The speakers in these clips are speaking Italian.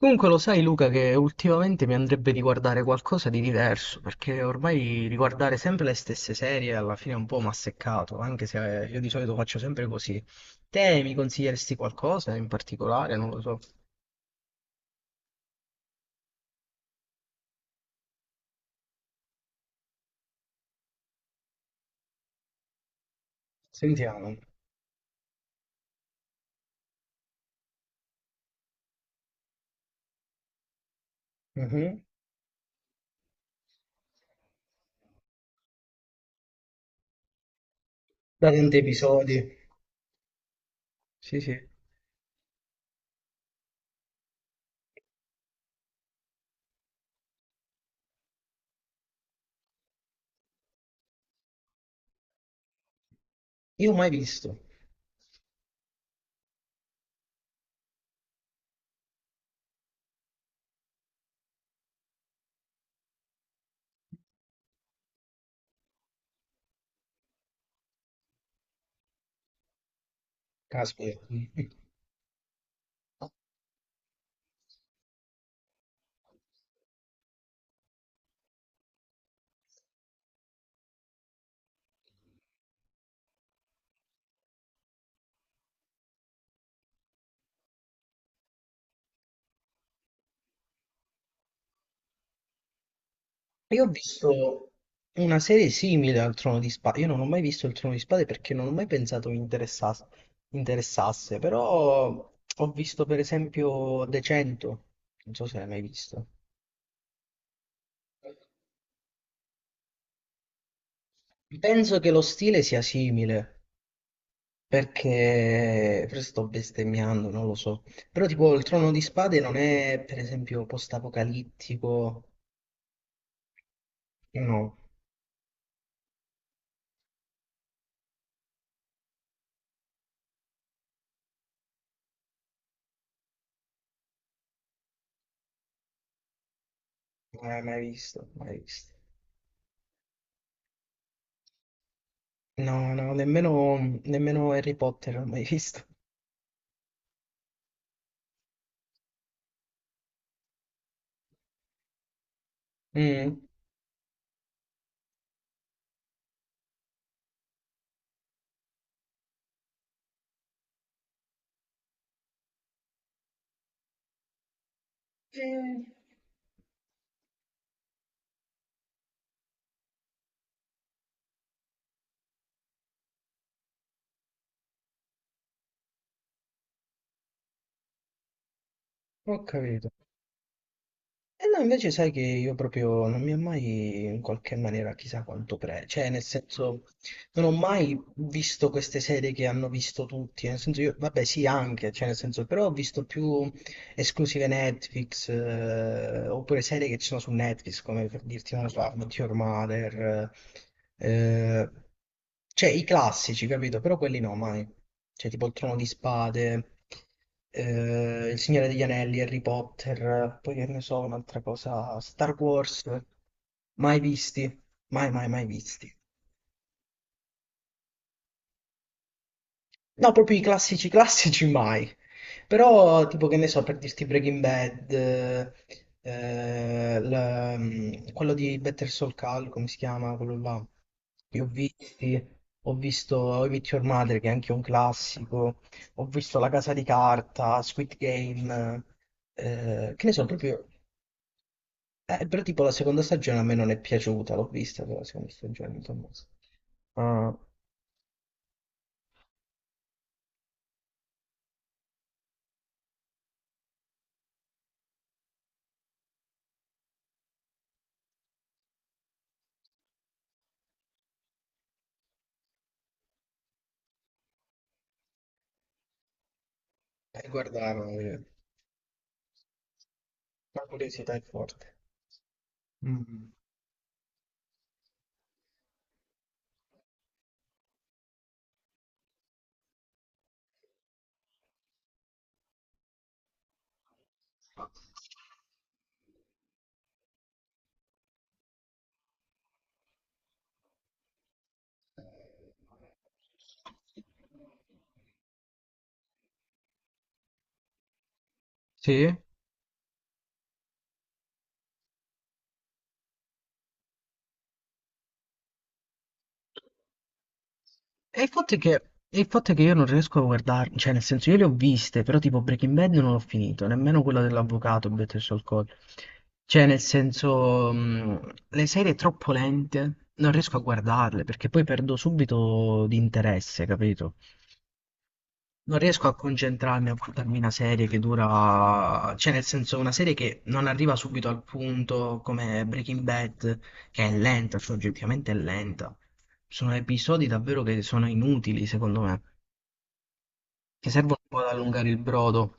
Comunque lo sai, Luca, che ultimamente mi andrebbe di guardare qualcosa di diverso, perché ormai riguardare sempre le stesse serie alla fine è un po' mi ha seccato, anche se io di solito faccio sempre così. Te mi consiglieresti qualcosa in particolare? Non lo so. Sentiamo. Mhm. Da tanti episodi. Sì, sì. Io ho mai visto. Caspita. Io ho visto una serie simile al Trono di Spade. Io non ho mai visto il Trono di Spade perché non ho mai pensato mi interessasse, però ho visto per esempio The 100, non so se l'hai mai visto. Penso che lo stile sia simile, perché forse sto bestemmiando, non lo so. Però tipo il Trono di Spade non è per esempio post-apocalittico. No, non l'hai mai visto, mai visto. No, no, nemmeno Harry Potter l'ho mai visto. Mm. Eh, ho capito. E no, invece sai che io proprio non mi ha mai in qualche maniera chissà quanto pre... Cioè, nel senso, non ho mai visto queste serie che hanno visto tutti. Nel senso, io, vabbè, sì, anche, cioè, nel senso, però ho visto più esclusive Netflix, oppure serie che ci sono su Netflix, come per dirti, non lo so, How I Met Your Mother, eh, cioè i classici, capito? Però quelli no, mai. Cioè tipo Il Trono di Spade, Il Signore degli Anelli, Harry Potter, poi che ne so, un'altra cosa, Star Wars, mai visti, mai visti. No, proprio i classici classici mai. Però, tipo, che ne so, per dirti Breaking Bad, quello di Better Soul Call, come si chiama, quello là. Li ho visti, ho visto How I Met Your Mother, che è anche un classico, ho visto La Casa di Carta, Squid Game, che ne so, proprio... però tipo la seconda stagione a me non è piaciuta, l'ho vista però la seconda stagione, insomma. Ah, e guardavo, la curiosità è forte. Sì. E il fatto è che, e il fatto è che io non riesco a guardarmi, cioè nel senso io le ho viste, però tipo Breaking Bad non l'ho finito, nemmeno quella dell'avvocato Better Saul Saul. Cioè nel senso le serie troppo lente, non riesco a guardarle perché poi perdo subito di interesse, capito? Non riesco a concentrarmi a guardarmi una serie che dura, cioè nel senso una serie che non arriva subito al punto come Breaking Bad, che è lenta, cioè oggettivamente è lenta. Sono episodi davvero che sono inutili, secondo me, che servono un po' ad allungare il brodo.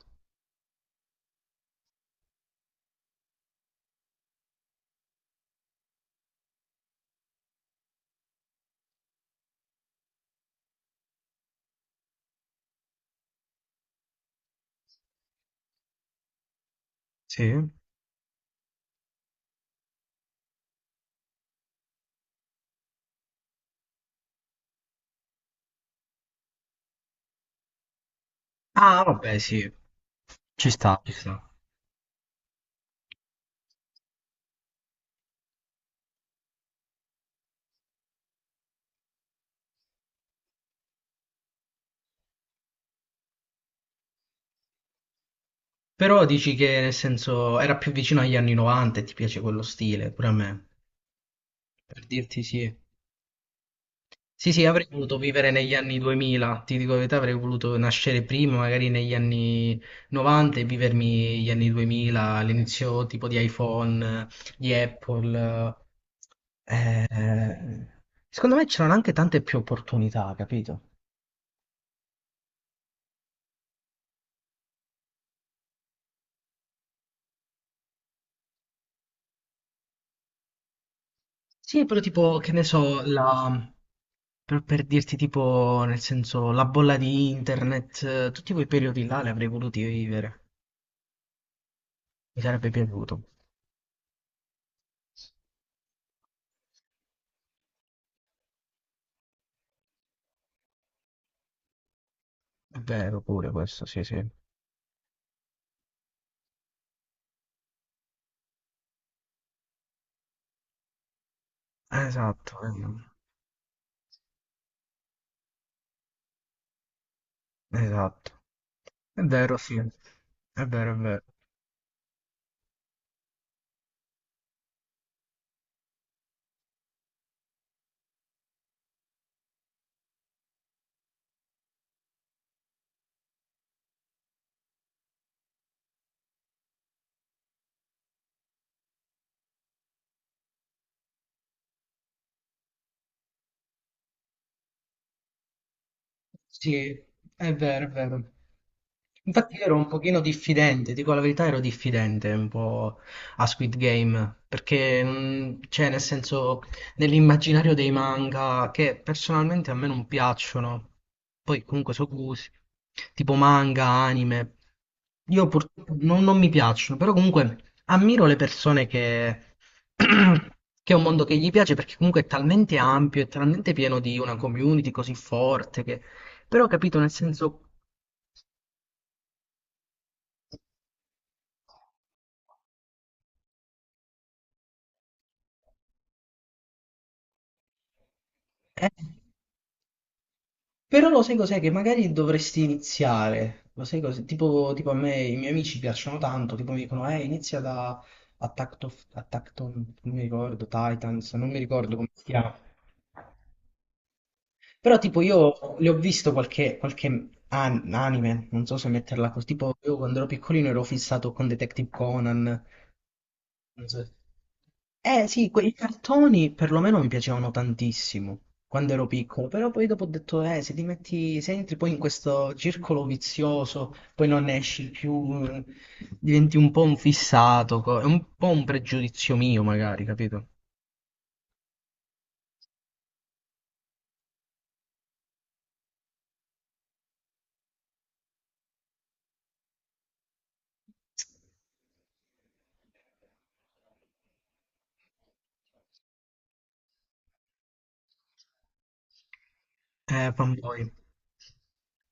Sì. Ah, vabbè, sì, ci sta, ci sta. Però dici che nel senso era più vicino agli anni 90 e ti piace quello stile, pure a me. Per dirti sì. Sì, sì, avrei voluto vivere negli anni 2000, ti dico la verità, avrei voluto nascere prima, magari negli anni 90 e vivermi gli anni 2000, l'inizio tipo di iPhone, di Apple. Eh, secondo me c'erano anche tante più opportunità, capito? Sì, però tipo, che ne so, la... per dirti tipo, nel senso, la bolla di internet, tutti quei periodi là li avrei voluti vivere, mi sarebbe piaciuto. È vero pure questo, sì, sì. Esatto, esatto. È vero, sì. È vero, è vero. Sì, è vero, è vero. Infatti io ero un pochino diffidente, dico la verità, ero diffidente un po' a Squid Game, perché cioè nel senso nell'immaginario dei manga che personalmente a me non piacciono, poi comunque so gusti, tipo manga, anime, io purtroppo non mi piacciono, però comunque ammiro le persone che... che è un mondo che gli piace perché comunque è talmente ampio, è talmente pieno di una community così forte, però capito, nel senso... Eh, però lo sai cos'è? Che magari dovresti iniziare. Lo sai cos'è? Tipo a me i miei amici piacciono tanto, tipo mi dicono, inizia da Attack on- non mi ricordo, Titans, non mi ricordo come si chiama. Però tipo io le ho visto qualche anime, non so se metterla così, tipo io quando ero piccolino ero fissato con Detective Conan. Non so se eh sì, quei cartoni perlomeno mi piacevano tantissimo quando ero piccolo, però poi dopo ho detto, se ti metti, se entri poi in questo circolo vizioso, poi non ne esci più, diventi un po' un fissato, è un po' un pregiudizio mio magari, capito? Fanboy,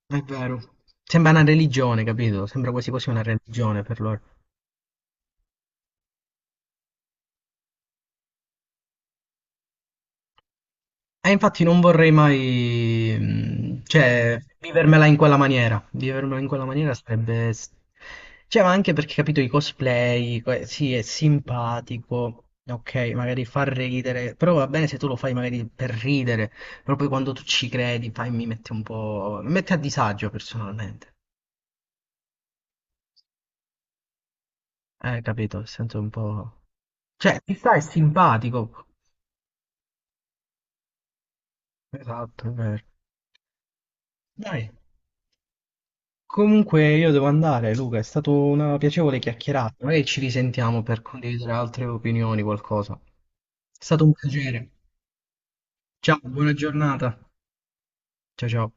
è vero. Sembra una religione, capito? Sembra quasi quasi una religione per loro. E infatti non vorrei mai, cioè, vivermela in quella maniera. Vivermela in quella maniera sarebbe... s- Cioè, ma anche perché, capito, i cosplay, que- sì, è simpatico, ok, magari fa ridere, però va bene se tu lo fai magari per ridere, però poi quando tu ci credi, fai, mi mette un po'... mi mette a disagio personalmente. Capito, sento un po'... Cioè, chissà, è simpatico. Esatto, è vero. Dai. Comunque io devo andare, Luca, è stata una piacevole chiacchierata. Magari ci risentiamo per condividere altre opinioni, qualcosa. È stato un piacere. Ciao, buona giornata. Ciao, ciao.